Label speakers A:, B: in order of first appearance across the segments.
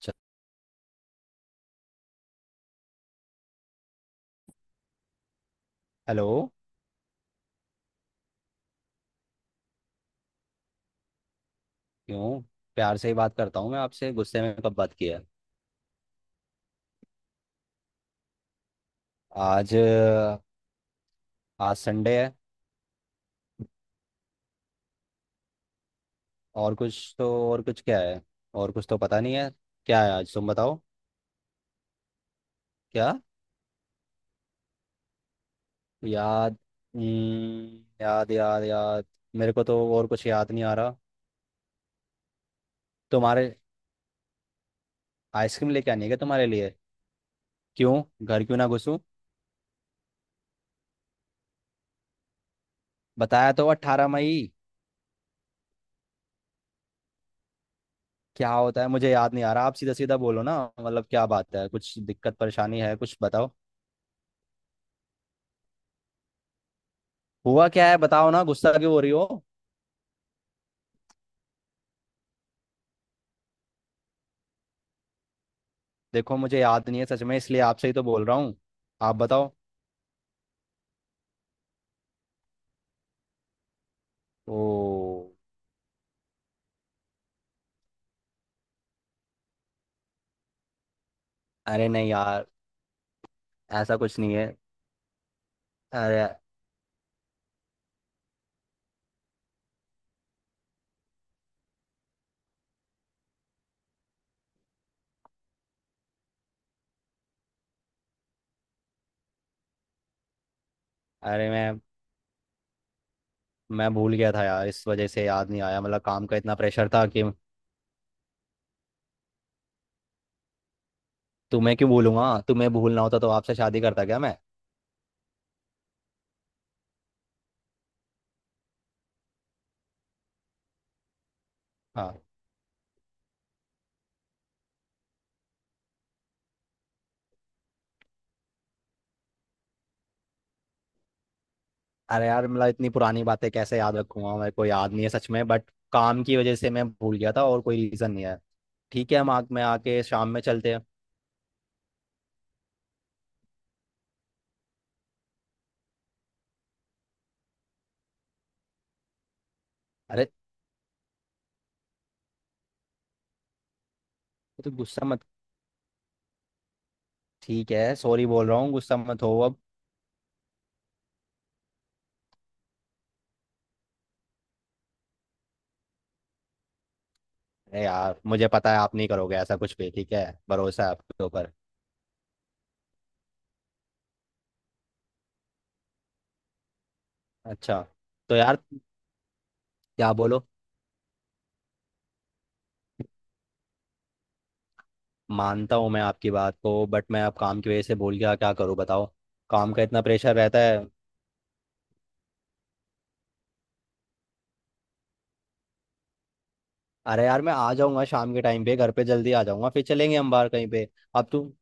A: च- हेलो। क्यों? प्यार से ही बात करता हूँ मैं आपसे, गुस्से में कब बात किया? आज? आज संडे है। और कुछ तो और कुछ क्या है? और कुछ तो पता नहीं है। क्या है आज, तुम बताओ। क्या? याद? याद। मेरे को तो और कुछ याद नहीं आ रहा। तुम्हारे आइसक्रीम लेके आनी है क्या तुम्हारे लिए? क्यों घर क्यों ना घुसूं? बताया तो, अट्ठारह मई। क्या होता है मुझे याद नहीं आ रहा, आप सीधा सीधा बोलो ना, मतलब क्या बात है, कुछ दिक्कत परेशानी है कुछ बताओ। हुआ क्या है बताओ ना, गुस्सा क्यों हो रही हो? देखो मुझे याद नहीं है सच में, इसलिए आपसे ही तो बोल रहा हूँ। आप बताओ। ओ। अरे नहीं यार, ऐसा कुछ नहीं है। अरे, अरे मैं भूल गया था यार, इस वजह से याद नहीं आया, मतलब काम का इतना प्रेशर था कि। तुम्हें क्यों भूलूंगा? तुम्हें भूलना होता तो आपसे शादी करता क्या मैं? हाँ। अरे यार मतलब इतनी पुरानी बातें कैसे याद रखूंगा, मेरे को याद नहीं है सच में, बट काम की वजह से मैं भूल गया था, और कोई रीज़न नहीं है। ठीक है, हम आग में आके शाम में चलते हैं। अरे तो गुस्सा मत। ठीक है सॉरी बोल रहा हूँ, गुस्सा मत हो अब। अरे यार मुझे पता है आप नहीं करोगे ऐसा कुछ भी, ठीक है। भरोसा है आपके ऊपर। अच्छा। तो यार क्या बोलो। मानता हूँ मैं आपकी बात को, बट मैं अब काम की वजह से भूल गया, क्या करूँ बताओ। काम का इतना प्रेशर रहता है। अरे यार मैं आ जाऊंगा शाम के टाइम पे, घर पे जल्दी आ जाऊंगा, फिर चलेंगे हम बाहर कहीं पे। अब तुम।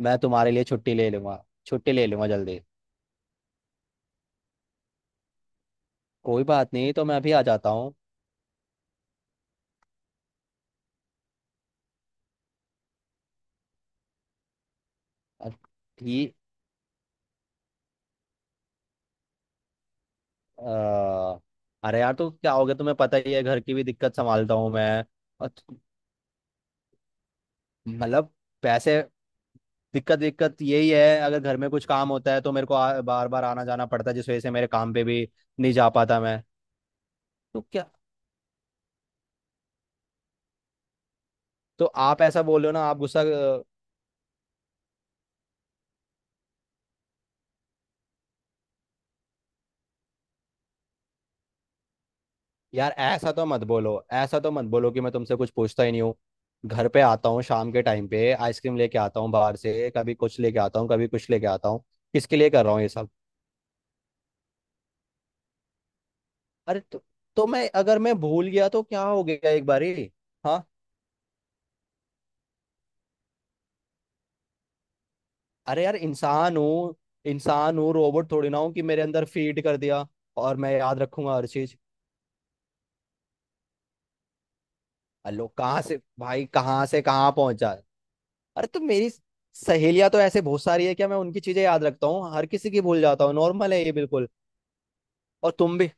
A: मैं तुम्हारे लिए छुट्टी ले लूंगा, छुट्टी ले लूंगा जल्दी। कोई बात नहीं, तो मैं अभी आ जाता हूँ। ठीक। अ, अरे यार तो क्या हो गया, तुम्हें पता ही है, घर की भी दिक्कत संभालता हूँ मैं। और मतलब पैसे, दिक्कत दिक्कत यही है, अगर घर में कुछ काम होता है तो मेरे को बार बार आना जाना पड़ता है, जिस वजह से मेरे काम पे भी नहीं जा पाता मैं। तो क्या? तो आप ऐसा बोल रहे हो ना, आप गुस्सा। यार ऐसा तो मत बोलो, ऐसा तो मत बोलो कि मैं तुमसे कुछ पूछता ही नहीं हूँ। घर पे आता हूँ शाम के टाइम पे आइसक्रीम लेके आता हूँ, बाहर से कभी कुछ लेके आता हूँ, कभी कुछ लेके आता हूँ। किसके लिए कर रहा हूँ ये सब? अरे तो, तो मैं, अगर मैं भूल गया तो क्या हो गया एक बारी। हाँ। अरे यार, इंसान हूँ। इंसान हूँ, रोबोट थोड़ी ना हूँ कि मेरे अंदर फीड कर दिया और मैं याद रखूंगा हर चीज। अलो, कहाँ से भाई, कहाँ से कहाँ पहुंचा। अरे तो मेरी सहेलियां तो ऐसे बहुत सारी है, क्या मैं उनकी चीजें याद रखता हूँ? हर किसी की भूल जाता हूँ, नॉर्मल है ये बिल्कुल। और तुम भी,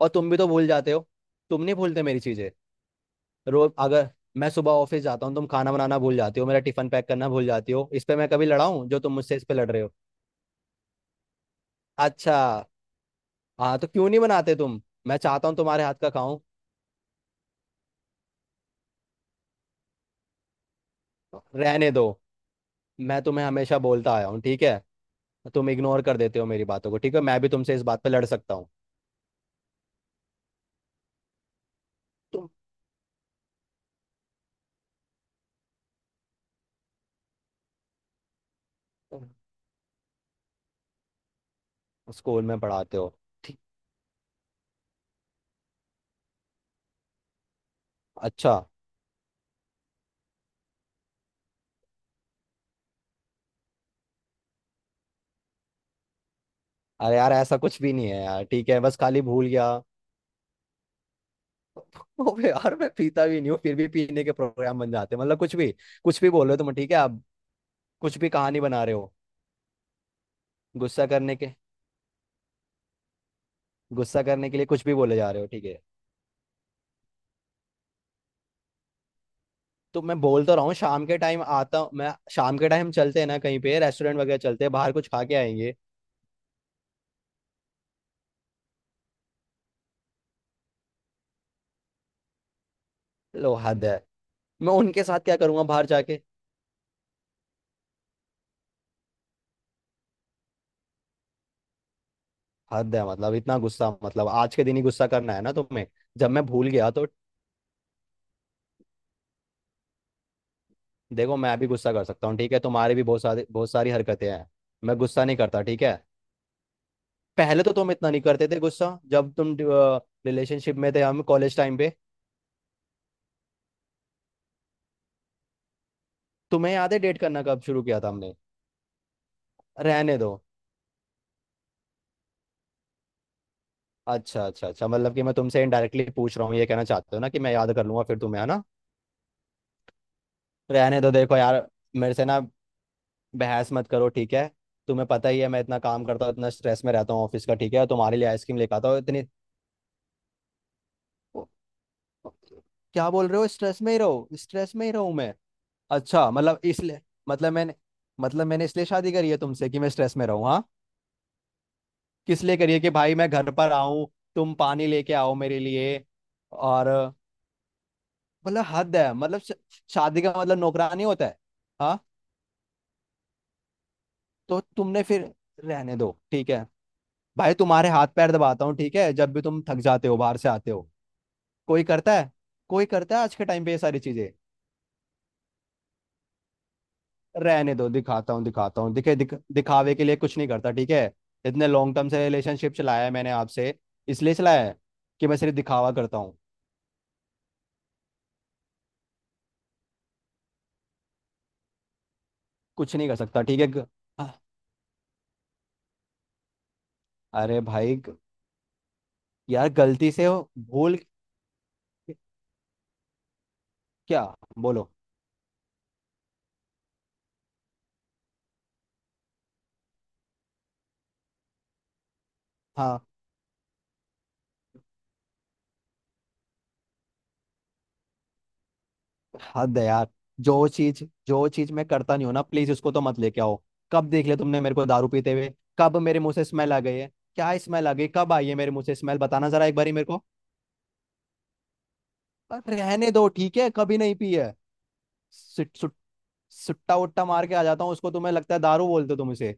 A: और तुम भी तो भूल जाते हो। तुम नहीं भूलते मेरी चीजें? रोज अगर मैं सुबह ऑफिस जाता हूँ तुम खाना बनाना भूल जाती हो, मेरा टिफिन पैक करना भूल जाती हो, इस पे मैं कभी लड़ा हूँ? जो तुम मुझसे इस पे लड़ रहे हो। अच्छा। हाँ तो क्यों नहीं बनाते तुम? मैं चाहता हूँ तुम्हारे हाथ का खाऊं। रहने दो। मैं तुम्हें हमेशा बोलता आया हूँ, ठीक है। तुम इग्नोर कर देते हो मेरी बातों को, ठीक है, मैं भी तुमसे इस बात पे लड़ सकता हूँ। तुम स्कूल में पढ़ाते हो? ठीक। अच्छा। अरे यार ऐसा कुछ भी नहीं है यार, ठीक है, बस खाली भूल गया। ओबे यार मैं पीता भी नहीं हूँ, फिर भी पीने के प्रोग्राम बन जाते हैं, मतलब कुछ भी। कुछ भी बोल रहे हो तुम, ठीक है अब। कुछ भी कहानी बना रहे हो। गुस्सा करने के गुस्सा करने के लिए कुछ भी बोले जा रहे हो, ठीक है। तो मैं बोल तो रहा हूँ शाम के टाइम आता हूँ मैं, शाम के टाइम चलते हैं ना कहीं पे, रेस्टोरेंट वगैरह चलते हैं बाहर, कुछ खा के आएंगे। लो, हद है। मैं उनके साथ क्या करूंगा बाहर जाके? हद है मतलब, इतना गुस्सा मतलब, आज के दिन ही गुस्सा करना है ना तुम्हें? जब मैं भूल गया तो। देखो मैं भी गुस्सा कर सकता हूँ ठीक है, तुम्हारी भी बहुत सारी हरकतें हैं, मैं गुस्सा नहीं करता ठीक है। पहले तो तुम इतना नहीं करते थे गुस्सा, जब तुम रिलेशनशिप में थे, हम कॉलेज टाइम पे। तुम्हें याद है डेट करना कब शुरू किया था हमने? रहने दो। अच्छा अच्छा अच्छा, मतलब कि मैं तुमसे इनडायरेक्टली पूछ रहा हूँ ये कहना चाहते हो ना, कि मैं याद कर लूंगा फिर तुम्हें है ना? रहने दो। देखो यार, मेरे से ना बहस मत करो ठीक है। तुम्हें पता ही है मैं इतना काम करता हूँ, इतना स्ट्रेस में रहता हूँ ऑफिस का, ठीक है? तुम्हारे लिए आइसक्रीम लेकर आता हूँ इतनी। ओ, ओ, क्या बोल रहे हो, स्ट्रेस में ही रहो, स्ट्रेस में ही रहूँ मैं? अच्छा, मतलब इसलिए, मतलब मैंने मतलब मैंने इसलिए शादी करी है तुमसे कि मैं स्ट्रेस में रहूँ, हाँ? किस लिए करी है, कि भाई मैं घर पर आऊँ, तुम पानी लेके आओ मेरे लिए? और मतलब हद है, मतलब शादी का मतलब नौकरानी होता है? हाँ। तो तुमने फिर, रहने दो ठीक है। भाई तुम्हारे हाथ पैर दबाता हूँ ठीक है, जब भी तुम थक जाते हो बाहर से आते हो। कोई करता है? कोई करता है आज के टाइम पे ये सारी चीजें? रहने दो, दिखाता हूँ दिखावे के लिए कुछ नहीं करता ठीक है। इतने लॉन्ग टर्म से रिलेशनशिप चलाया है मैंने आपसे, इसलिए चलाया है कि मैं सिर्फ दिखावा करता हूँ? कुछ नहीं कर सकता ठीक है। अरे भाई, यार गलती से वो भूल। क्या बोलो। हाँ। हद है यार। जो चीज मैं करता नहीं हूं ना प्लीज, उसको तो मत लेके आओ। कब देख लिया तुमने मेरे को दारू पीते हुए? कब मेरे मुंह से स्मेल आ गई है, क्या स्मेल आ गई, कब आई है मेरे मुंह से स्मेल, बताना जरा एक बारी मेरे को। पर रहने दो ठीक है, कभी नहीं पी है। सुट, सुट, सुट्टा उट्टा मार के आ जाता हूँ, उसको तुम्हें लगता है दारू, बोलते हो तुम इसे?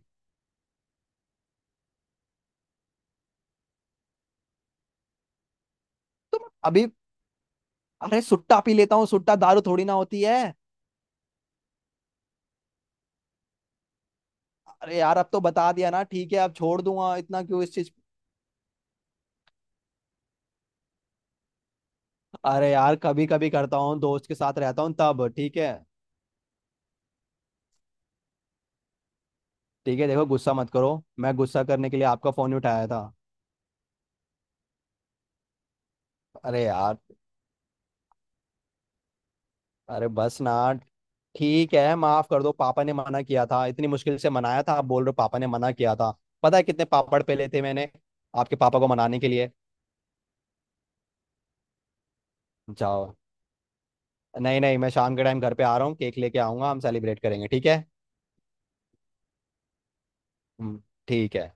A: तुम अभी, अरे सुट्टा पी लेता हूँ, सुट्टा दारू थोड़ी ना होती है। अरे यार अब तो बता दिया ना ठीक है, अब छोड़ दूंगा, इतना क्यों इस चीज। अरे यार कभी कभी करता हूँ, दोस्त के साथ रहता हूँ तब, ठीक है। ठीक है देखो, गुस्सा मत करो। मैं गुस्सा करने के लिए आपका फोन ही उठाया था? अरे यार। अरे बस ना, ठीक है, माफ कर दो। पापा ने मना किया था, इतनी मुश्किल से मनाया था, आप बोल रहे हो पापा ने मना किया था। पता है कितने पापड़ पेले थे मैंने आपके पापा को मनाने के लिए। जाओ। नहीं नहीं, मैं शाम के टाइम घर पे आ रहा हूँ, केक लेके आऊंगा, हम सेलिब्रेट करेंगे ठीक है। हम्म, ठीक है।